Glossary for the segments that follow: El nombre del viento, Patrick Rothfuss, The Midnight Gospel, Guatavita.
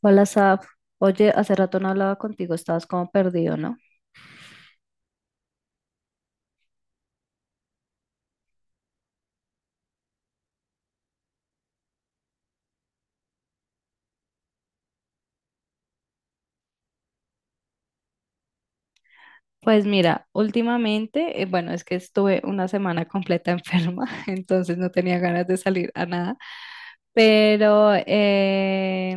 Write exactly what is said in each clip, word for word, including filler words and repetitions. Hola, Saf. Oye, hace rato no hablaba contigo, estabas como perdido, ¿no? Pues mira, últimamente, eh, bueno, es que estuve una semana completa enferma, entonces no tenía ganas de salir a nada. Pero eh,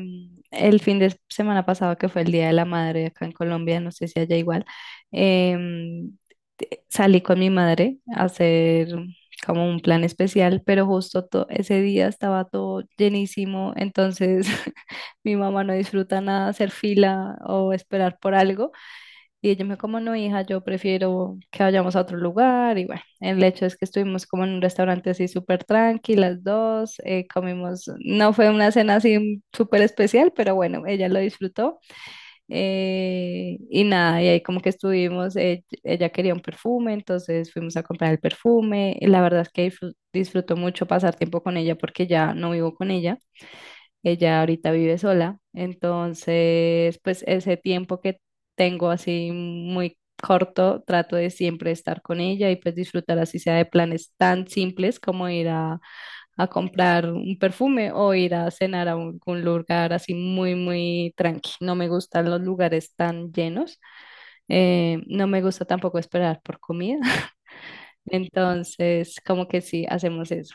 el fin de semana pasado, que fue el Día de la Madre acá en Colombia, no sé si allá igual, em, te- salí con mi madre a hacer como un plan especial, pero justo to- ese día estaba todo llenísimo, entonces mi mamá no disfruta nada hacer fila o esperar por algo. Y ella me dijo, como no, hija, yo prefiero que vayamos a otro lugar. Y bueno, el hecho es que estuvimos como en un restaurante así súper tranqui, las dos, eh, comimos, no fue una cena así súper especial, pero bueno, ella lo disfrutó. Eh, y nada, y ahí como que estuvimos, eh, ella quería un perfume, entonces fuimos a comprar el perfume. Y la verdad es que disfru- disfruto mucho pasar tiempo con ella porque ya no vivo con ella. Ella ahorita vive sola, entonces pues ese tiempo que tengo así muy corto, trato de siempre estar con ella y pues disfrutar así sea de planes tan simples como ir a, a comprar un perfume o ir a cenar a algún lugar así muy, muy tranqui. No me gustan los lugares tan llenos, eh, no me gusta tampoco esperar por comida. Entonces como que sí, hacemos eso.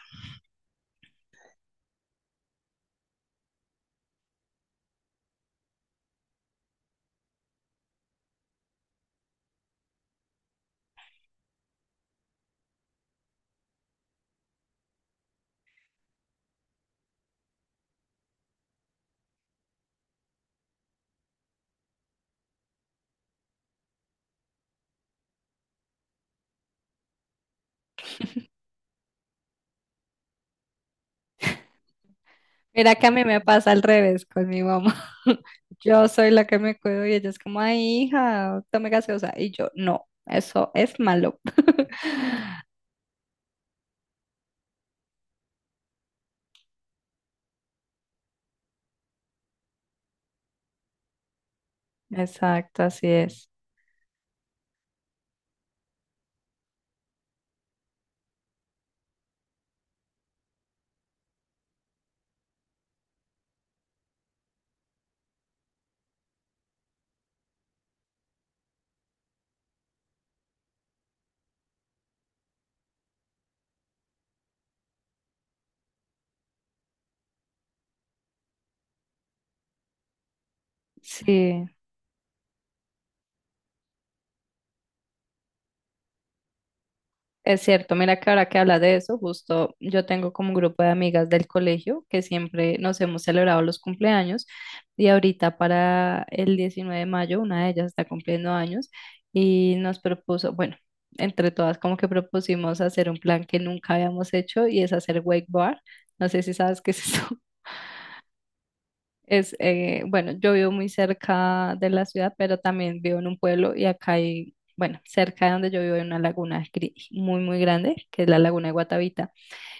Mira que a mí me pasa al revés con mi mamá. Yo soy la que me cuido y ella es como, ay, hija, tome gaseosa. Y yo, no, eso es malo. Exacto, así es. Sí. Es cierto, mira que ahora que hablas de eso, justo yo tengo como un grupo de amigas del colegio que siempre nos hemos celebrado los cumpleaños y ahorita para el diecinueve de mayo una de ellas está cumpliendo años y nos propuso, bueno, entre todas como que propusimos hacer un plan que nunca habíamos hecho y es hacer wake bar. No sé si sabes qué es eso. Es, eh, bueno, yo vivo muy cerca de la ciudad, pero también vivo en un pueblo y acá hay, bueno, cerca de donde yo vivo hay una laguna gri- muy, muy grande, que es la laguna de Guatavita.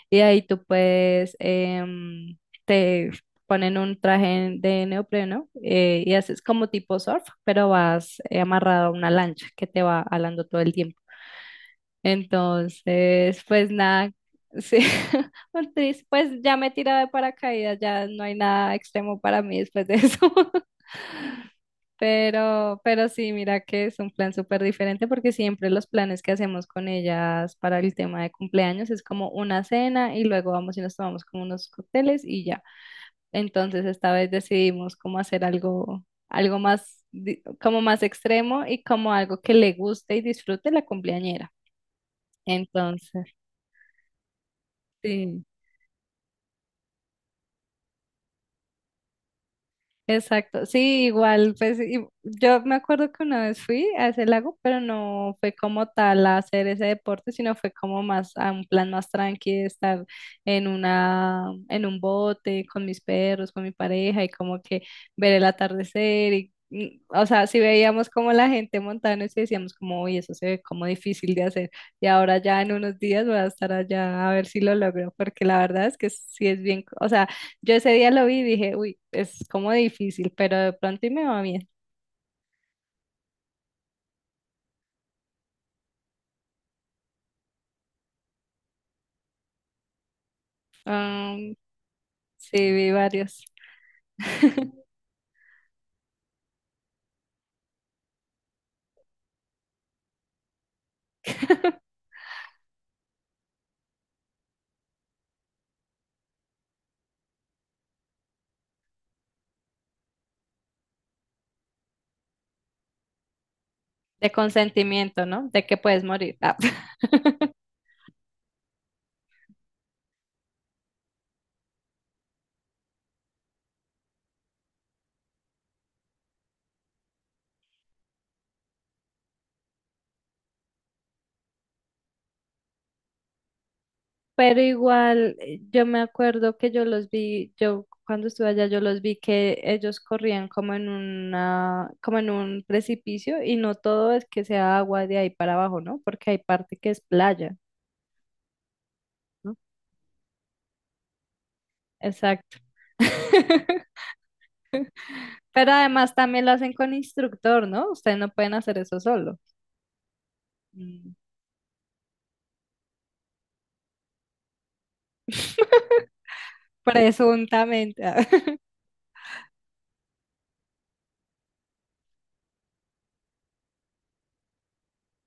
Y ahí tú puedes, em, te ponen un traje de neopreno eh, y haces como tipo surf, pero vas eh, amarrado a una lancha que te va alando todo el tiempo. Entonces, pues nada, sí, un tris- pues ya me he tirado de paracaídas, ya no hay nada extremo para mí después de eso. Pero, pero sí, mira que es un plan súper diferente porque siempre los planes que hacemos con ellas para el tema de cumpleaños es como una cena y luego vamos y nos tomamos como unos cócteles y ya. Entonces esta vez decidimos como hacer algo, algo más, di- como más extremo y como algo que le guste y disfrute la cumpleañera. Entonces. Sí, exacto. Sí, igual, pues y- yo me acuerdo que una vez fui a ese lago, pero no fue como tal a hacer ese deporte, sino fue como más a un plan más tranqui de estar en una, en un bote con mis perros, con mi pareja y como que ver el atardecer y mm, o sea, si veíamos como la gente montada en eso y sí decíamos como, uy, eso se ve como difícil de hacer. Y ahora ya en unos días voy a estar allá a ver si lo logro, porque la verdad es que sí es bien, o sea, yo ese día lo vi y dije, uy, es como difícil, pero de pronto y me va bien. Am, sí, vi varios. De consentimiento, ¿no? De que puedes morir. Ah. Pero igual, eh, yo me acuerdo que yo los vi, yo cuando estuve allá, yo los vi que ellos corrían como en una, como en un precipicio y no todo es que sea agua de ahí para abajo, ¿no? Porque hay parte que es playa, ¿no? Exacto. Pero además también lo hacen con instructor, ¿no? Ustedes no pueden hacer eso solo. Mm. Presuntamente. Ah.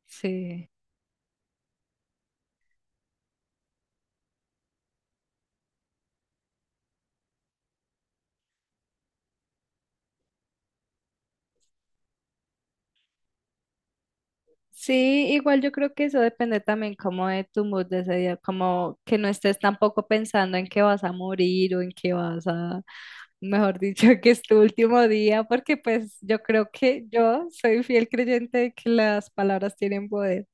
Sí. Sí, igual yo creo que eso depende también como de tu mood de ese día, como que no estés tampoco pensando en que vas a morir o en que vas a, mejor dicho, que es tu último día, porque pues yo creo que yo soy fiel creyente de que las palabras tienen poder.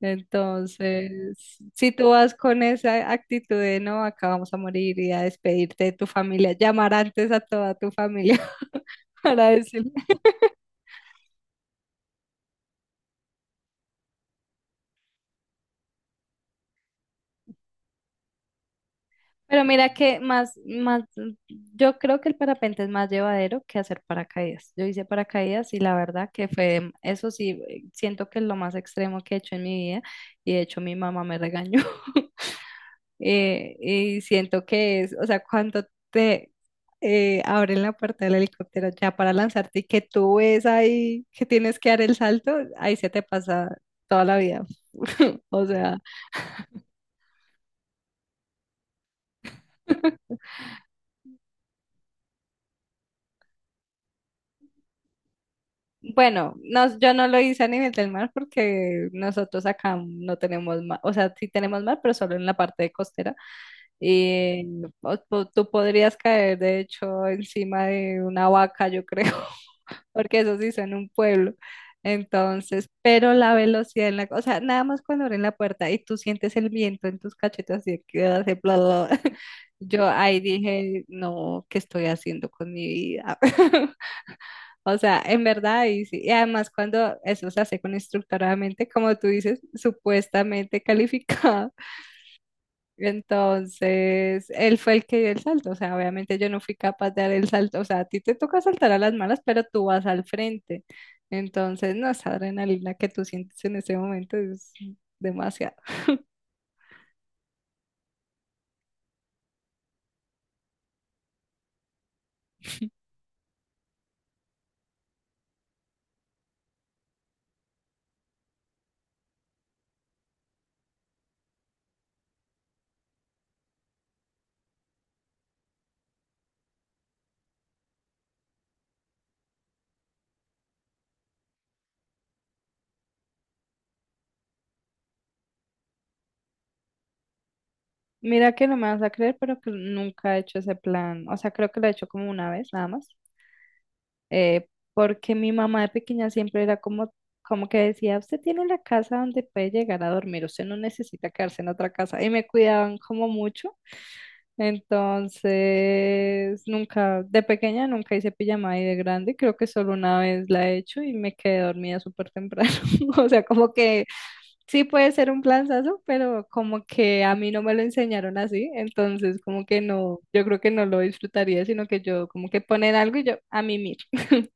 Entonces, si tú vas con esa actitud de no, acá vamos a morir y a despedirte de tu familia, llamar antes a toda tu familia para decirle. Pero mira que más, más, Yo creo que el parapente es más llevadero que hacer paracaídas. Yo hice paracaídas y la verdad que fue, eso sí, siento que es lo más extremo que he hecho en mi vida y de hecho mi mamá me regañó. Eh, y siento que es, o sea, cuando te eh, abren la puerta del helicóptero ya para lanzarte y que tú ves ahí que tienes que dar el salto, ahí se te pasa toda la vida. O sea, bueno, no, yo no lo hice a nivel del mar porque nosotros acá no tenemos mar, o sea, sí tenemos mar, pero solo en la parte de costera. Y o- o tú podrías caer, de hecho, encima de una vaca, yo creo. Porque eso sí son un pueblo. Entonces, pero la velocidad en la, o sea, nada más cuando abren la puerta y tú sientes el viento en tus cachetes así que hace bla, bla, bla. Yo ahí dije, no, ¿qué estoy haciendo con mi vida? O sea, en verdad, y, sí. Y además cuando eso se hace con instructoramente, como tú dices, supuestamente calificado. Entonces, él fue el que dio el salto, o sea, obviamente yo no fui capaz de dar el salto, o sea, a ti te toca saltar a las malas, pero tú vas al frente. Entonces, no, esa adrenalina que tú sientes en ese momento es demasiado. Mira que no me vas a creer, pero que nunca he hecho ese plan, o sea, creo que lo he hecho como una vez, nada más, eh, porque mi mamá de pequeña siempre era como, como que decía, usted tiene la casa donde puede llegar a dormir, usted no necesita quedarse en otra casa, y me cuidaban como mucho. Entonces, nunca, de pequeña nunca hice pijamada y de grande creo que solo una vez la he hecho y me quedé dormida súper temprano. O sea, como que sí puede ser un planazo, pero como que a mí no me lo enseñaron así, entonces como que no, yo creo que no lo disfrutaría, sino que yo como que poner algo y yo a mimir.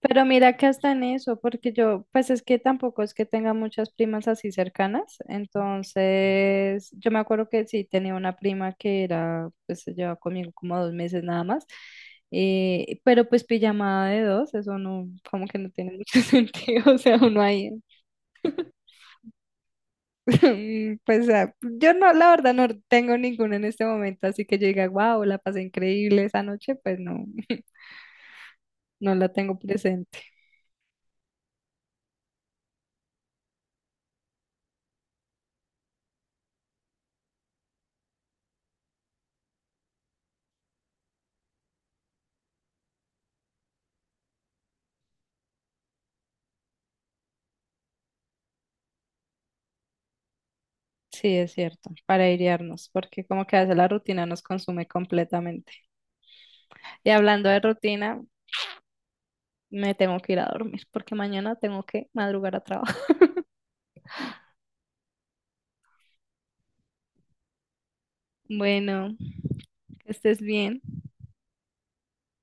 Pero mira que hasta en eso, porque yo, pues es que tampoco es que tenga muchas primas así cercanas, entonces yo me acuerdo que sí tenía una prima que era, pues se llevaba conmigo como dos meses nada más, eh, pero pues pijamada de dos, eso no, como que no tiene mucho sentido, o sea, uno ahí, pues ah, yo no, la verdad no tengo ninguno en este momento, así que yo diga, wow, la pasé increíble esa noche, pues no, no la tengo presente. Sí, es cierto, para airearnos, porque como que a veces la rutina nos consume completamente. Y hablando de rutina, me tengo que ir a dormir, porque mañana tengo que madrugar a trabajar. Bueno, que estés bien.